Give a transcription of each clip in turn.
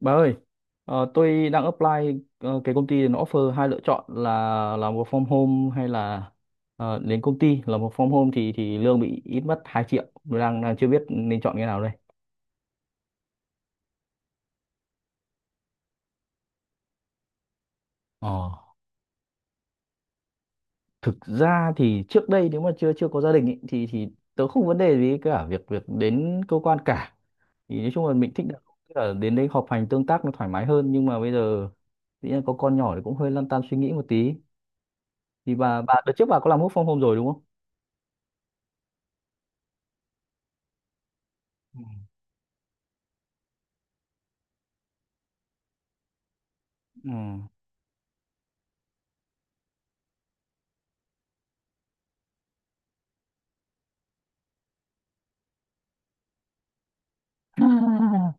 Bà ơi, tôi đang apply, cái công ty nó offer hai lựa chọn là làm work from home hay là, đến công ty làm. Work from home thì lương bị ít mất 2 triệu. Tôi đang, đang chưa biết nên chọn cái nào đây. Ờ, thực ra thì trước đây nếu mà chưa chưa có gia đình ý, thì tớ không vấn đề gì cả, việc việc đến cơ quan cả. Thì nói chung là mình thích là, tức là đến đây họp hành tương tác nó thoải mái hơn, nhưng mà bây giờ tự nhiên có con nhỏ thì cũng hơi lăn tăn suy nghĩ một tí. Thì bà đợt trước bà có làm work from home rồi đúng không? Ừ.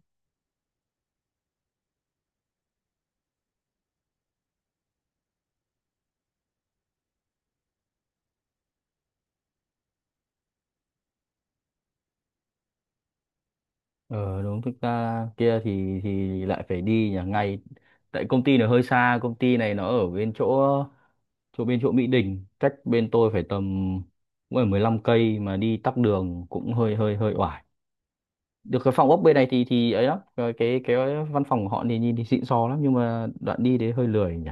Ờ đúng, thực ra kia thì lại phải đi nhà ngay, tại công ty nó hơi xa. Công ty này nó ở bên chỗ, chỗ bên chỗ Mỹ Đình, cách bên tôi phải tầm, cũng phải 15 cây, mà đi tắc đường cũng hơi hơi hơi oải. Được cái phòng ốc bên này thì ấy lắm. Ờ, cái văn phòng của họ thì nhìn thì xịn sò lắm, nhưng mà đoạn đi đấy hơi lười nhỉ.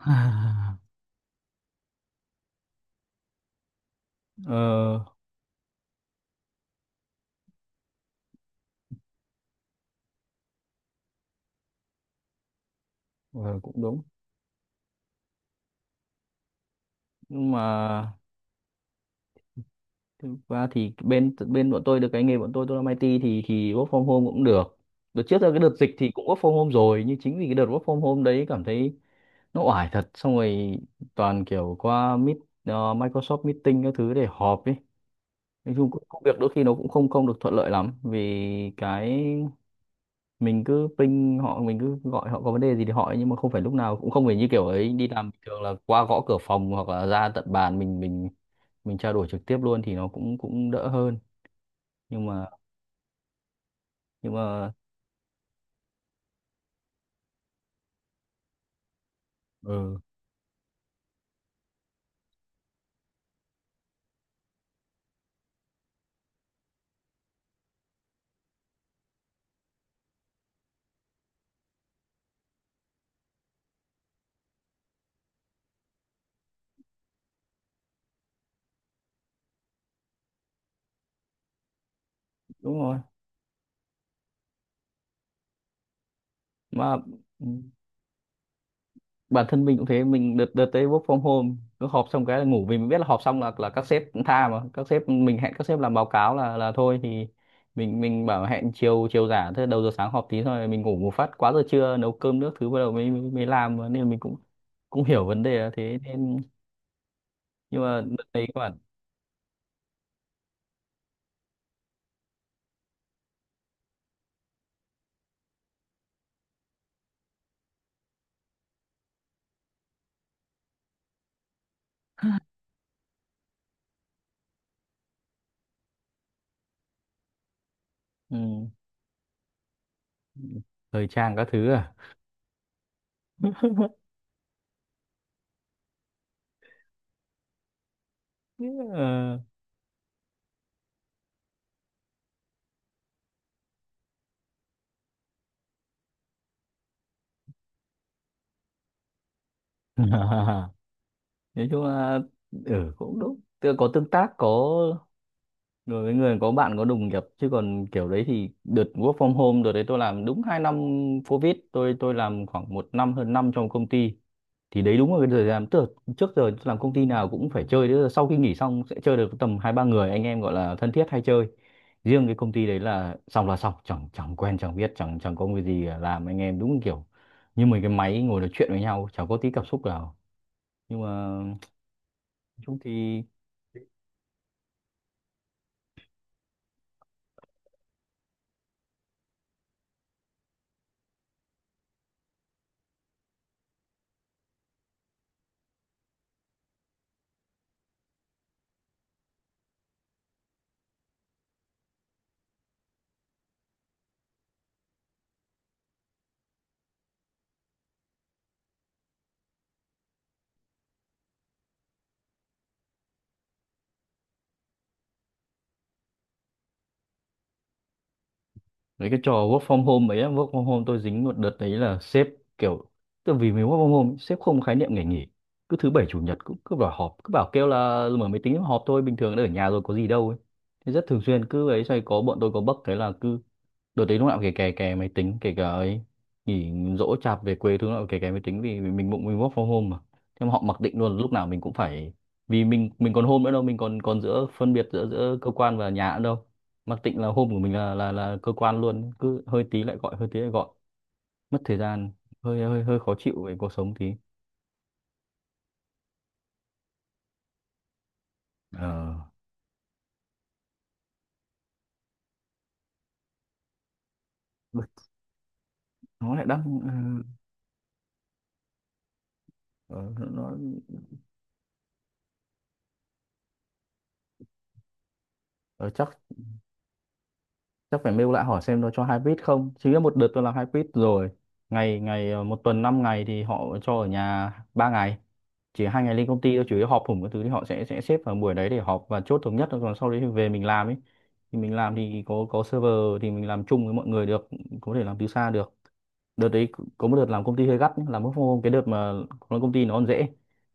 Ờ, ờ cũng đúng, nhưng mà thực ra thì bên bên bọn tôi được cái nghề, bọn tôi làm IT thì work from home cũng được. Đợt trước là cái đợt dịch thì cũng work from home rồi, nhưng chính vì cái đợt work from home đấy cảm thấy nó oải thật. Xong rồi toàn kiểu qua meet, Microsoft meeting các thứ để họp ấy. Nói chung cũng công việc đôi khi nó cũng không không được thuận lợi lắm, vì cái mình cứ ping họ, mình cứ gọi họ có vấn đề gì thì hỏi, nhưng mà không phải lúc nào cũng, không phải như kiểu ấy đi làm bình thường là qua gõ cửa phòng hoặc là ra tận bàn mình, mình trao đổi trực tiếp luôn thì nó cũng cũng đỡ hơn, nhưng mà, nhưng mà ừ đúng rồi, mà ừ, bản thân mình cũng thế. Mình đợt đợt tới work from home cứ họp xong cái là ngủ, vì mình biết là họp xong là các sếp cũng tha, mà các sếp mình hẹn các sếp làm báo cáo là thôi thì mình bảo hẹn chiều, chiều giả thế. Đầu giờ sáng họp tí thôi, mình ngủ một phát quá giờ trưa, nấu cơm nước thứ, bắt đầu mới mới mới làm mà. Nên là mình cũng cũng hiểu vấn đề là thế, nên nhưng mà đợt đấy các bạn, ừ, thời trang các thứ à. Ờ. Nói chung là ừ cũng đúng, tức là có tương tác, có người với người, có bạn có đồng nghiệp. Chứ còn kiểu đấy thì đợt work from home đợt đấy tôi làm đúng 2 năm covid, tôi làm khoảng 1 năm hơn năm trong công ty. Thì đấy đúng là cái thời gian, tức là trước giờ làm công ty nào cũng phải chơi, tức là sau khi nghỉ xong sẽ chơi được tầm 2 3 người anh em gọi là thân thiết hay chơi. Riêng cái công ty đấy là xong là xong, chẳng chẳng quen chẳng biết chẳng chẳng có người gì làm anh em, đúng kiểu như mấy cái máy ngồi nói chuyện với nhau, chẳng có tí cảm xúc nào. Nhưng mà nói chung thì, đấy cái trò work from home ấy, á, work from home tôi dính một đợt đấy là sếp kiểu, từ vì mình work from home, ấy, sếp không khái niệm ngày nghỉ. Cứ thứ bảy chủ nhật cũng cứ bảo họp, cứ bảo kêu là mở máy tính họp thôi, bình thường đã ở nhà rồi có gì đâu ấy. Thế rất thường xuyên cứ ấy xoay, có bọn tôi có bug thế là cứ đợt đấy lúc nào cũng kè kè kè máy tính, kể cả ấy nghỉ dỗ chạp về quê thứ nào cũng kè kè máy tính, vì mình bụng mình work from home mà. Thế mà họ mặc định luôn là lúc nào mình cũng phải, vì mình còn home nữa đâu, mình còn còn giữa phân biệt giữa giữa cơ quan và nhà nữa đâu. Mặc định là home của mình là là cơ quan luôn. Cứ hơi tí lại gọi, hơi tí lại gọi, mất thời gian, hơi hơi hơi khó chịu về cuộc sống tí. Ờ nó lại đang, ờ, nó, ờ, chắc chắc phải mail lại hỏi xem nó cho hai quýt không. Chính là một đợt tôi làm hai quýt rồi, ngày ngày, 1 tuần 5 ngày thì họ cho ở nhà 3 ngày, chỉ 2 ngày lên công ty thôi. Chủ yếu họp hùng cái thứ thì họ sẽ xếp vào buổi đấy để họp và chốt thống nhất thôi. Còn sau đấy thì về mình làm ấy, thì mình làm thì có server, thì mình làm chung với mọi người được, có thể làm từ xa được. Đợt đấy có một đợt làm công ty hơi gắt nhá, làm work from home cái đợt mà làm công ty nó còn dễ.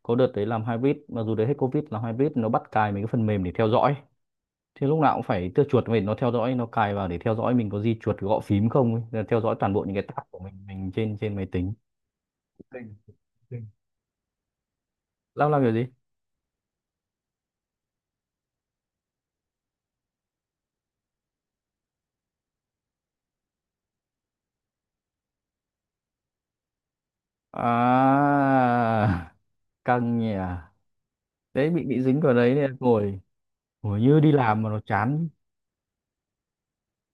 Có đợt đấy làm hybrid, mặc dù đấy hết covid, làm hybrid nó bắt cài mấy cái phần mềm để theo dõi, thì lúc nào cũng phải tua chuột. Mình nó theo dõi, nó cài vào để theo dõi mình có di chuột gõ phím không ấy, là theo dõi toàn bộ những cái tab của mình, trên trên máy tính. Tình, tình. Làm kiểu gì? À, căng nhỉ. À. Đấy bị dính vào đấy nên ngồi, ngồi như đi làm mà nó chán,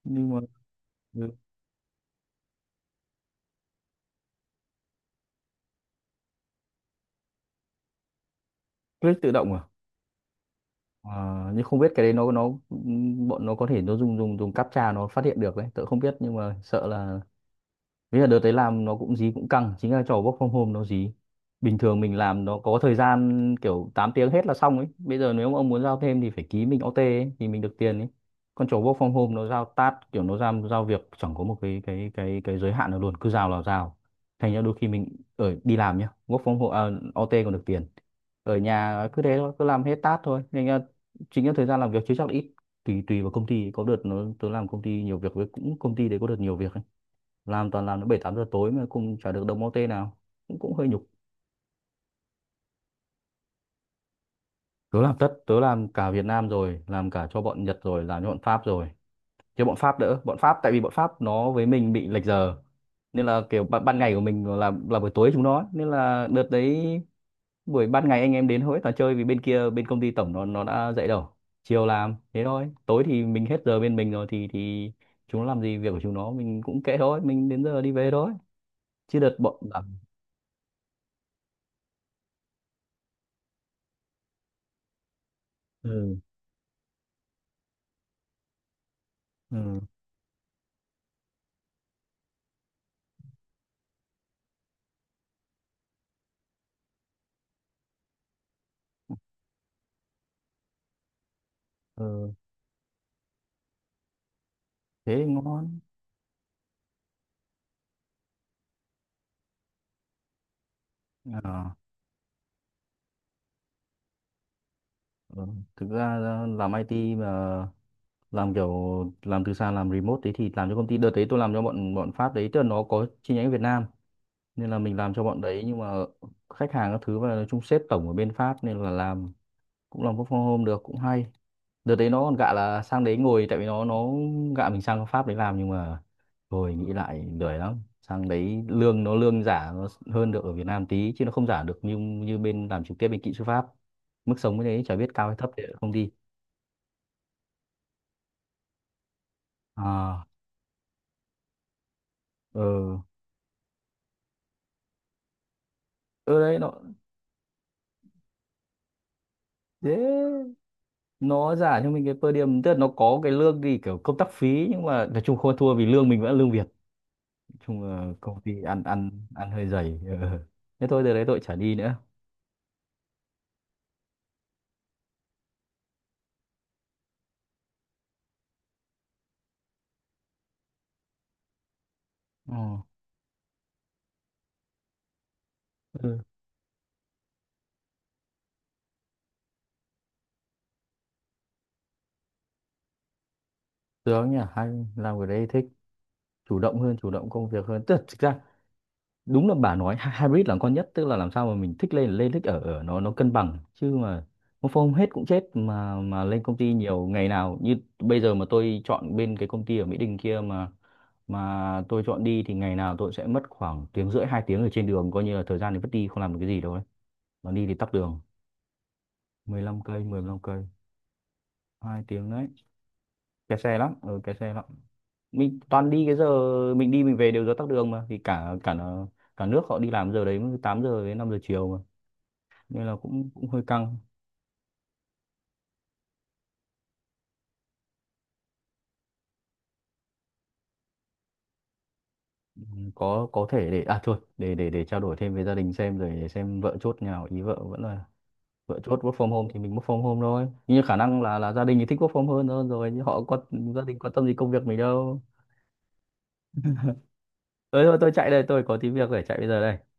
nhưng mà ừ, click tự động à. À, nhưng không biết cái đấy nó, bọn nó có thể nó dùng dùng dùng captcha nó phát hiện được đấy, tớ không biết nhưng mà sợ là. Thế là đợt đấy làm nó cũng dí cũng căng. Chính là trò work from home nó dí. Bình thường mình làm nó có thời gian kiểu 8 tiếng hết là xong ấy. Bây giờ nếu mà ông muốn giao thêm thì phải ký mình OT ấy, thì mình được tiền ấy. Còn trò work from home nó giao task, kiểu nó giao, giao việc chẳng có một cái giới hạn nào luôn, cứ giao là giao. Thành ra đôi khi mình ở đi làm nhá, work from home, à, OT còn được tiền. Ở nhà cứ thế thôi, cứ làm hết task thôi. Nên là chính là thời gian làm việc chứ chắc là ít. Tùy tùy vào công ty. Có đợt nó tớ làm công ty nhiều việc, với cũng công ty đấy có đợt nhiều việc ấy, làm toàn làm đến 7 8 giờ tối mà cũng chả được đồng ô tê nào, cũng cũng hơi nhục. Tớ làm tất, tớ làm cả Việt Nam, rồi làm cả cho bọn Nhật, rồi làm cho bọn Pháp rồi. Chứ bọn Pháp đỡ, bọn Pháp tại vì bọn Pháp nó với mình bị lệch giờ, nên là kiểu ban, ban ngày của mình là buổi tối chúng nó, nên là đợt đấy buổi ban ngày anh em đến hối toàn chơi, vì bên kia bên công ty tổng nó đã dậy đầu chiều làm thế thôi. Tối thì mình hết giờ bên mình rồi, thì chúng nó làm gì việc của chúng nó mình cũng kệ thôi, mình đến giờ đi về thôi. Chứ đợt bọn, ừ, ừ, ừ. Thế ngon. À, ừ. Thực ra ờ, làm IT mà làm kiểu, làm từ xa, làm remote đấy, thì làm cho công ty đợt đấy tôi làm cho bọn bọn Pháp đấy, tức là nó có chi nhánh ở Việt Nam nên là mình làm cho bọn đấy, nhưng mà khách hàng các thứ và nói chung sếp tổng ở bên Pháp, nên là làm cũng làm work from home được, cũng hay. Đợt đấy nó còn gạ là sang đấy ngồi, tại vì nó gạ mình sang Pháp đấy làm, nhưng mà rồi nghĩ lại lười lắm. Sang đấy lương nó, lương giả nó hơn được ở Việt Nam tí, chứ nó không giả được như như bên làm trực tiếp bên kỹ sư Pháp. Mức sống như thế chả biết cao hay thấp thì không đi. À ờ, ở đấy nó thế, nó giả cho mình cái per diem, tức là nó có cái lương thì kiểu công tác phí, nhưng mà nói chung không ăn thua vì lương mình vẫn là lương Việt. Nói chung là công ty ăn ăn ăn hơi dày. Ừ. Thế thôi từ đấy tôi chả đi nữa. Ờ. Ừ. Được nhỉ, hay. Làm cái đấy thích, chủ động hơn, chủ động công việc hơn. Tức là thực ra đúng là bà nói hy- hybrid là con nhất, tức là làm sao mà mình thích lên là lên, thích ở ở, nó cân bằng. Chứ mà một hôm hết cũng chết, mà lên công ty nhiều ngày nào như bây giờ mà tôi chọn bên cái công ty ở Mỹ Đình kia, mà tôi chọn đi thì ngày nào tôi sẽ mất khoảng tiếng rưỡi 2 tiếng ở trên đường, coi như là thời gian thì vất đi không làm được cái gì đâu đấy. Mà đi thì tắc đường 15 cây, 15 cây, 2 tiếng đấy. Kẹt xe lắm, ừ kẹt xe lắm. Mình toàn đi cái giờ, mình đi mình về đều giờ tắc đường mà, thì cả cả cả nước họ đi làm giờ đấy, 8 giờ đến 5 giờ chiều mà, nên là cũng cũng hơi căng. Ừ, có thể để à thôi, để trao đổi thêm với gia đình xem, rồi để xem vợ chốt nhà nào ý. Vợ vẫn là, vợ chốt work from home thì mình work from home thôi, nhưng khả năng là gia đình thì thích work from home hơn rồi, nhưng họ có gia đình quan tâm gì công việc mình đâu. Ơi thôi tôi chạy đây, tôi có tí việc phải chạy bây giờ đây.